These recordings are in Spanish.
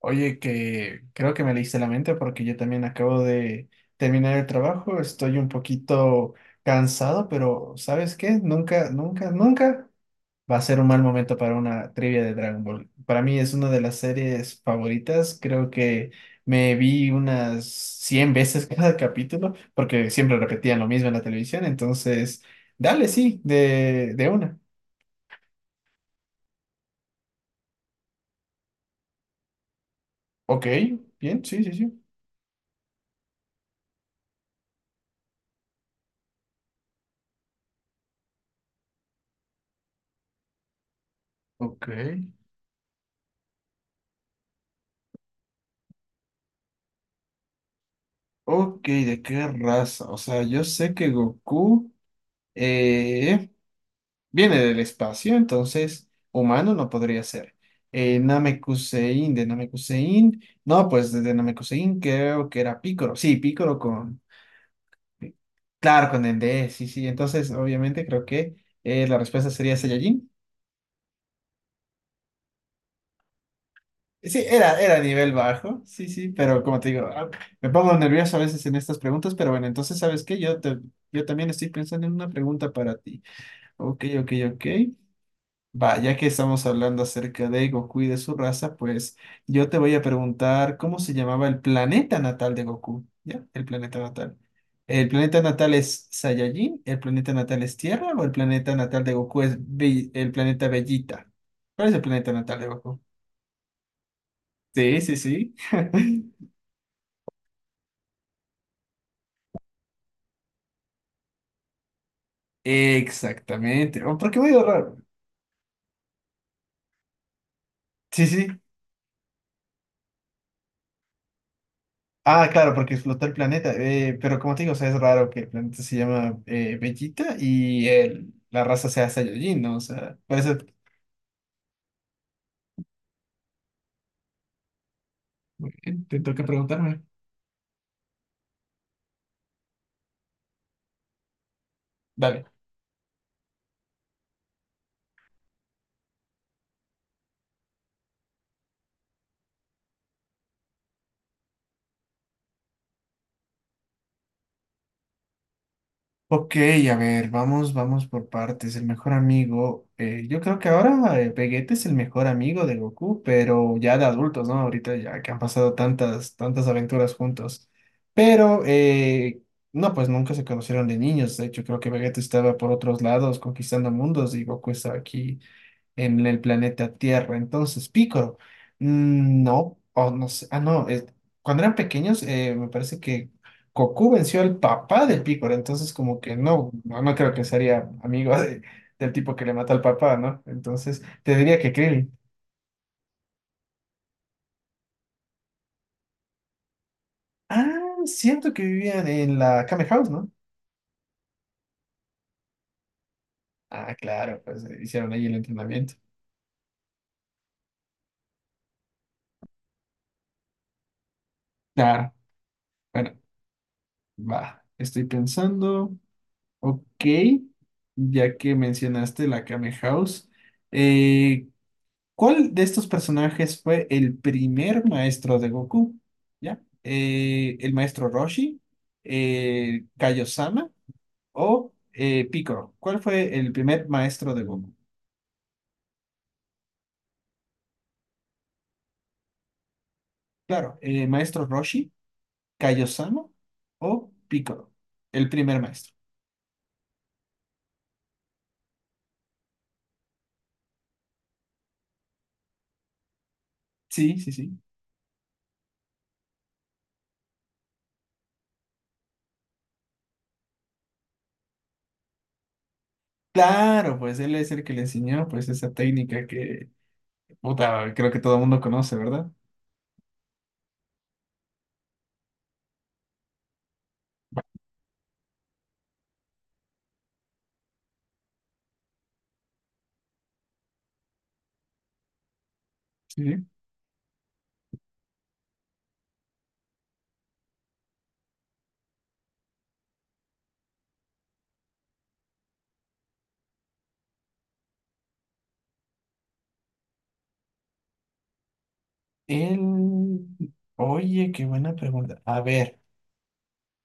Oye, que creo que me leíste la mente porque yo también acabo de terminar el trabajo, estoy un poquito cansado, pero ¿sabes qué? Nunca, nunca, nunca va a ser un mal momento para una trivia de Dragon Ball. Para mí es una de las series favoritas, creo que me vi unas 100 veces cada capítulo porque siempre repetían lo mismo en la televisión, entonces, dale, sí, de una. Ok, bien, sí, sí, sí. Ok. Ok, ¿de qué raza? O sea, yo sé que Goku eh, viene del espacio, entonces humano no podría ser. De Namekusein, no, pues desde Namekusein creo que era Picoro. Sí, Picoro con, claro, con el D, sí, sí. Entonces, obviamente creo que la respuesta sería Saiyajin. Sí, era, era nivel bajo, sí, sí, pero como te digo, me pongo nervioso a veces en estas preguntas, pero bueno, entonces, ¿sabes qué? Yo también estoy pensando en una pregunta para ti. Ok, ok, ok. Va, ya que estamos hablando acerca de Goku y de su raza, pues yo te voy a preguntar cómo se llamaba el planeta natal de Goku, ¿ya? El planeta natal. ¿El planeta natal es Saiyajin? ¿El planeta natal es Tierra? ¿O el planeta natal de Goku es el planeta Bellita? ¿Cuál es el planeta natal de Goku? Sí, sí, sí. Exactamente. Oh, ¿por qué me he ido raro? Sí, sí. Ah, claro, porque explotó el planeta. Pero como te digo, o sea, es raro que el planeta se llama Bellita y la raza sea Saiyajin, ¿no? O sea, parece. Eso Te toca preguntarme. Dale. Ok, a ver, vamos por partes. El mejor amigo, yo creo que ahora Vegeta es el mejor amigo de Goku, pero ya de adultos, ¿no? Ahorita ya que han pasado tantas, tantas aventuras juntos. Pero, no, pues nunca se conocieron de niños. De hecho, creo que Vegeta estaba por otros lados conquistando mundos y Goku estaba aquí en el planeta Tierra. Entonces, Pícoro, mm, no, o no sé, ah, no, cuando eran pequeños, me parece que Goku venció al papá de Pícoro, entonces como que no, no, no creo que sería del tipo que le mata al papá, ¿no? Entonces, te diría que Krillin. Ah, siento que vivían en la Kame House, ¿no? Ah, claro, pues hicieron ahí el entrenamiento. Claro, bueno, va, estoy pensando. Ok, ya que mencionaste la Kame House, eh, ¿cuál de estos personajes fue el primer maestro de Goku? ¿Ya? ¿El maestro Roshi, Kaiosama o Piccolo? ¿Cuál fue el primer maestro de Goku? Claro, maestro Roshi, Kaiosama o Piccolo, el primer maestro. Sí, sí, sí. Claro, pues él es el que le enseñó pues esa técnica que, puta, creo que todo el mundo conoce, ¿verdad? Sí. El... Oye, qué buena pregunta. A ver.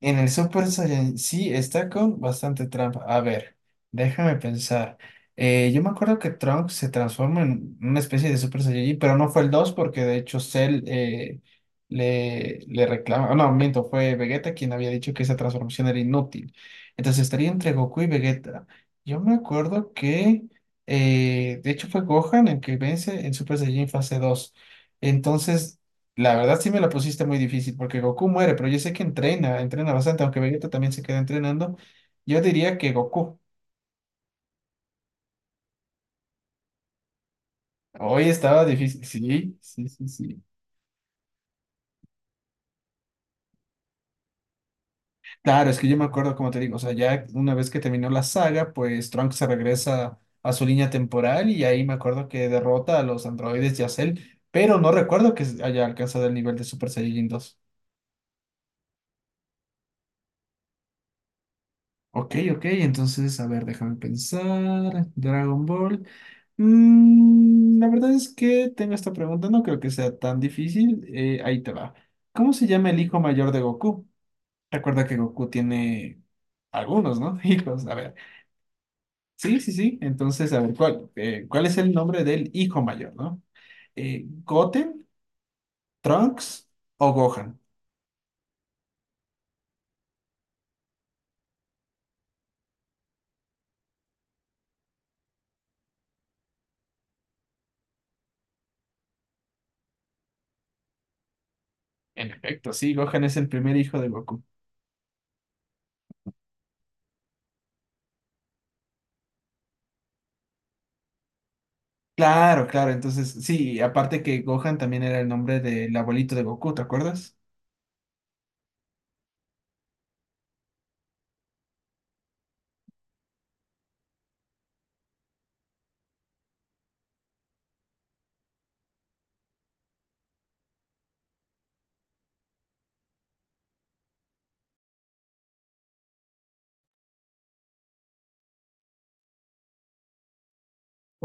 En el Super Saiyan sí está con bastante trampa. A ver, déjame pensar. Yo me acuerdo que Trunks se transforma en una especie de Super Saiyajin, pero no fue el 2 porque de hecho Cell le reclama. No, miento, fue Vegeta quien había dicho que esa transformación era inútil. Entonces estaría entre Goku y Vegeta. Yo me acuerdo que de hecho fue Gohan el que vence en Super Saiyajin fase 2. Entonces la verdad sí me la pusiste muy difícil porque Goku muere, pero yo sé que entrena, entrena bastante, aunque Vegeta también se queda entrenando. Yo diría que Goku. Hoy estaba difícil. Sí, sí, sí, sí. Claro, es que yo me acuerdo, como te digo, o sea, ya una vez que terminó la saga, pues Trunks se regresa a su línea temporal y ahí me acuerdo que derrota a los androides y a Cell, pero no recuerdo que haya alcanzado el nivel de Super Saiyajin dos. Ok, ok, entonces, a ver, déjame pensar. Dragon Ball. Mm, la verdad es que tengo esta pregunta, no creo que sea tan difícil. Ahí te va. ¿Cómo se llama el hijo mayor de Goku? Recuerda que Goku tiene algunos, ¿no? Hijos, a ver. Sí, sí, sí. Entonces, a ver, ¿cuál es el nombre del hijo mayor, ¿no? ¿Goten, Trunks o Gohan? En efecto, sí, Gohan es el primer hijo de Goku. Claro, claro. Entonces, sí, aparte que Gohan también era el nombre del abuelito de Goku, ¿te acuerdas?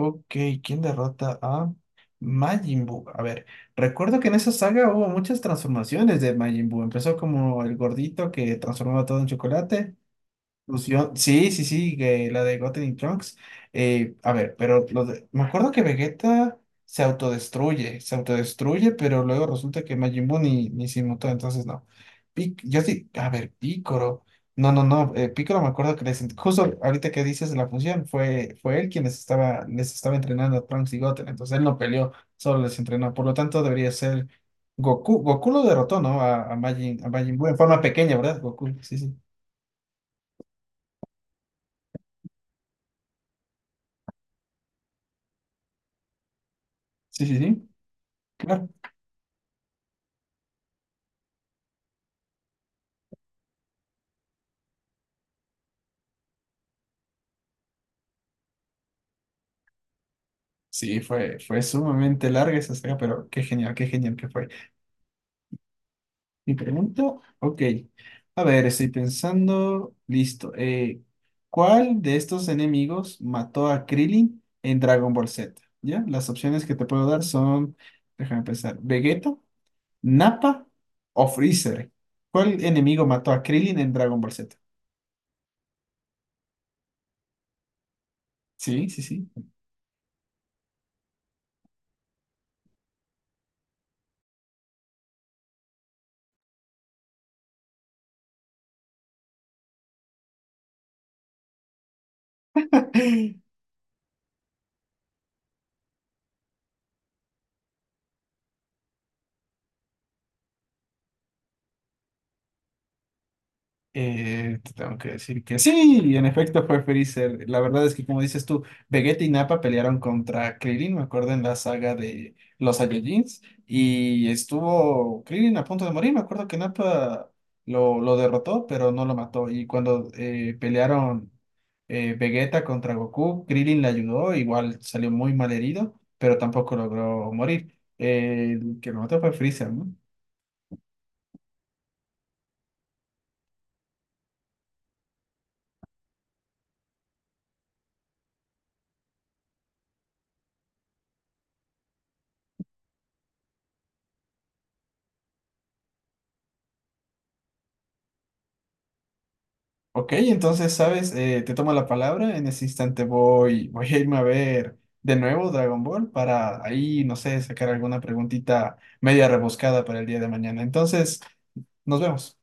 Ok, ¿quién derrota a Majin Buu? A ver, recuerdo que en esa saga hubo muchas transformaciones de Majin Buu. Empezó como el gordito que transformaba todo en chocolate. Fusión, sí, sí, sí, que la de Goten y Trunks. A ver, me acuerdo que Vegeta se autodestruye, pero luego resulta que Majin Buu ni se inmutó, entonces no. Yo sí, a ver, Picoro. No, no, no, Picoro me acuerdo que les, justo ahorita que dices de la fusión, fue él quien les estaba entrenando a Trunks y Goten, entonces él no peleó, solo les entrenó, por lo tanto debería ser Goku. Goku lo derrotó, ¿no? A Majin Buu en forma pequeña, ¿verdad? Goku, sí, sí, sí, sí, sí. Claro. Sí, fue, fue sumamente larga esa saga, pero qué genial que fue. Mi pregunta, ok. A ver, estoy pensando, listo. ¿Cuál de estos enemigos mató a Krillin en Dragon Ball Z? ¿Ya? Las opciones que te puedo dar son, déjame pensar, Vegeta, Nappa o Freezer. ¿Cuál enemigo mató a Krillin en Dragon Ball Z? Sí, sí, sí. Te tengo que decir que sí, y en efecto fue Freezer. La verdad es que, como dices tú, Vegeta y Nappa pelearon contra Krillin, me acuerdo, en la saga de los Saiyajins, y estuvo Krillin a punto de morir. Me acuerdo que Nappa lo derrotó, pero no lo mató. Y cuando pelearon Vegeta contra Goku, Krillin le ayudó, igual salió muy mal herido, pero tampoco logró morir. El que lo mató fue Freezer, ¿no? Ok, entonces, ¿sabes? Te tomo la palabra. En ese instante voy a irme a ver de nuevo Dragon Ball para ahí, no sé, sacar alguna preguntita media rebuscada para el día de mañana. Entonces, nos vemos.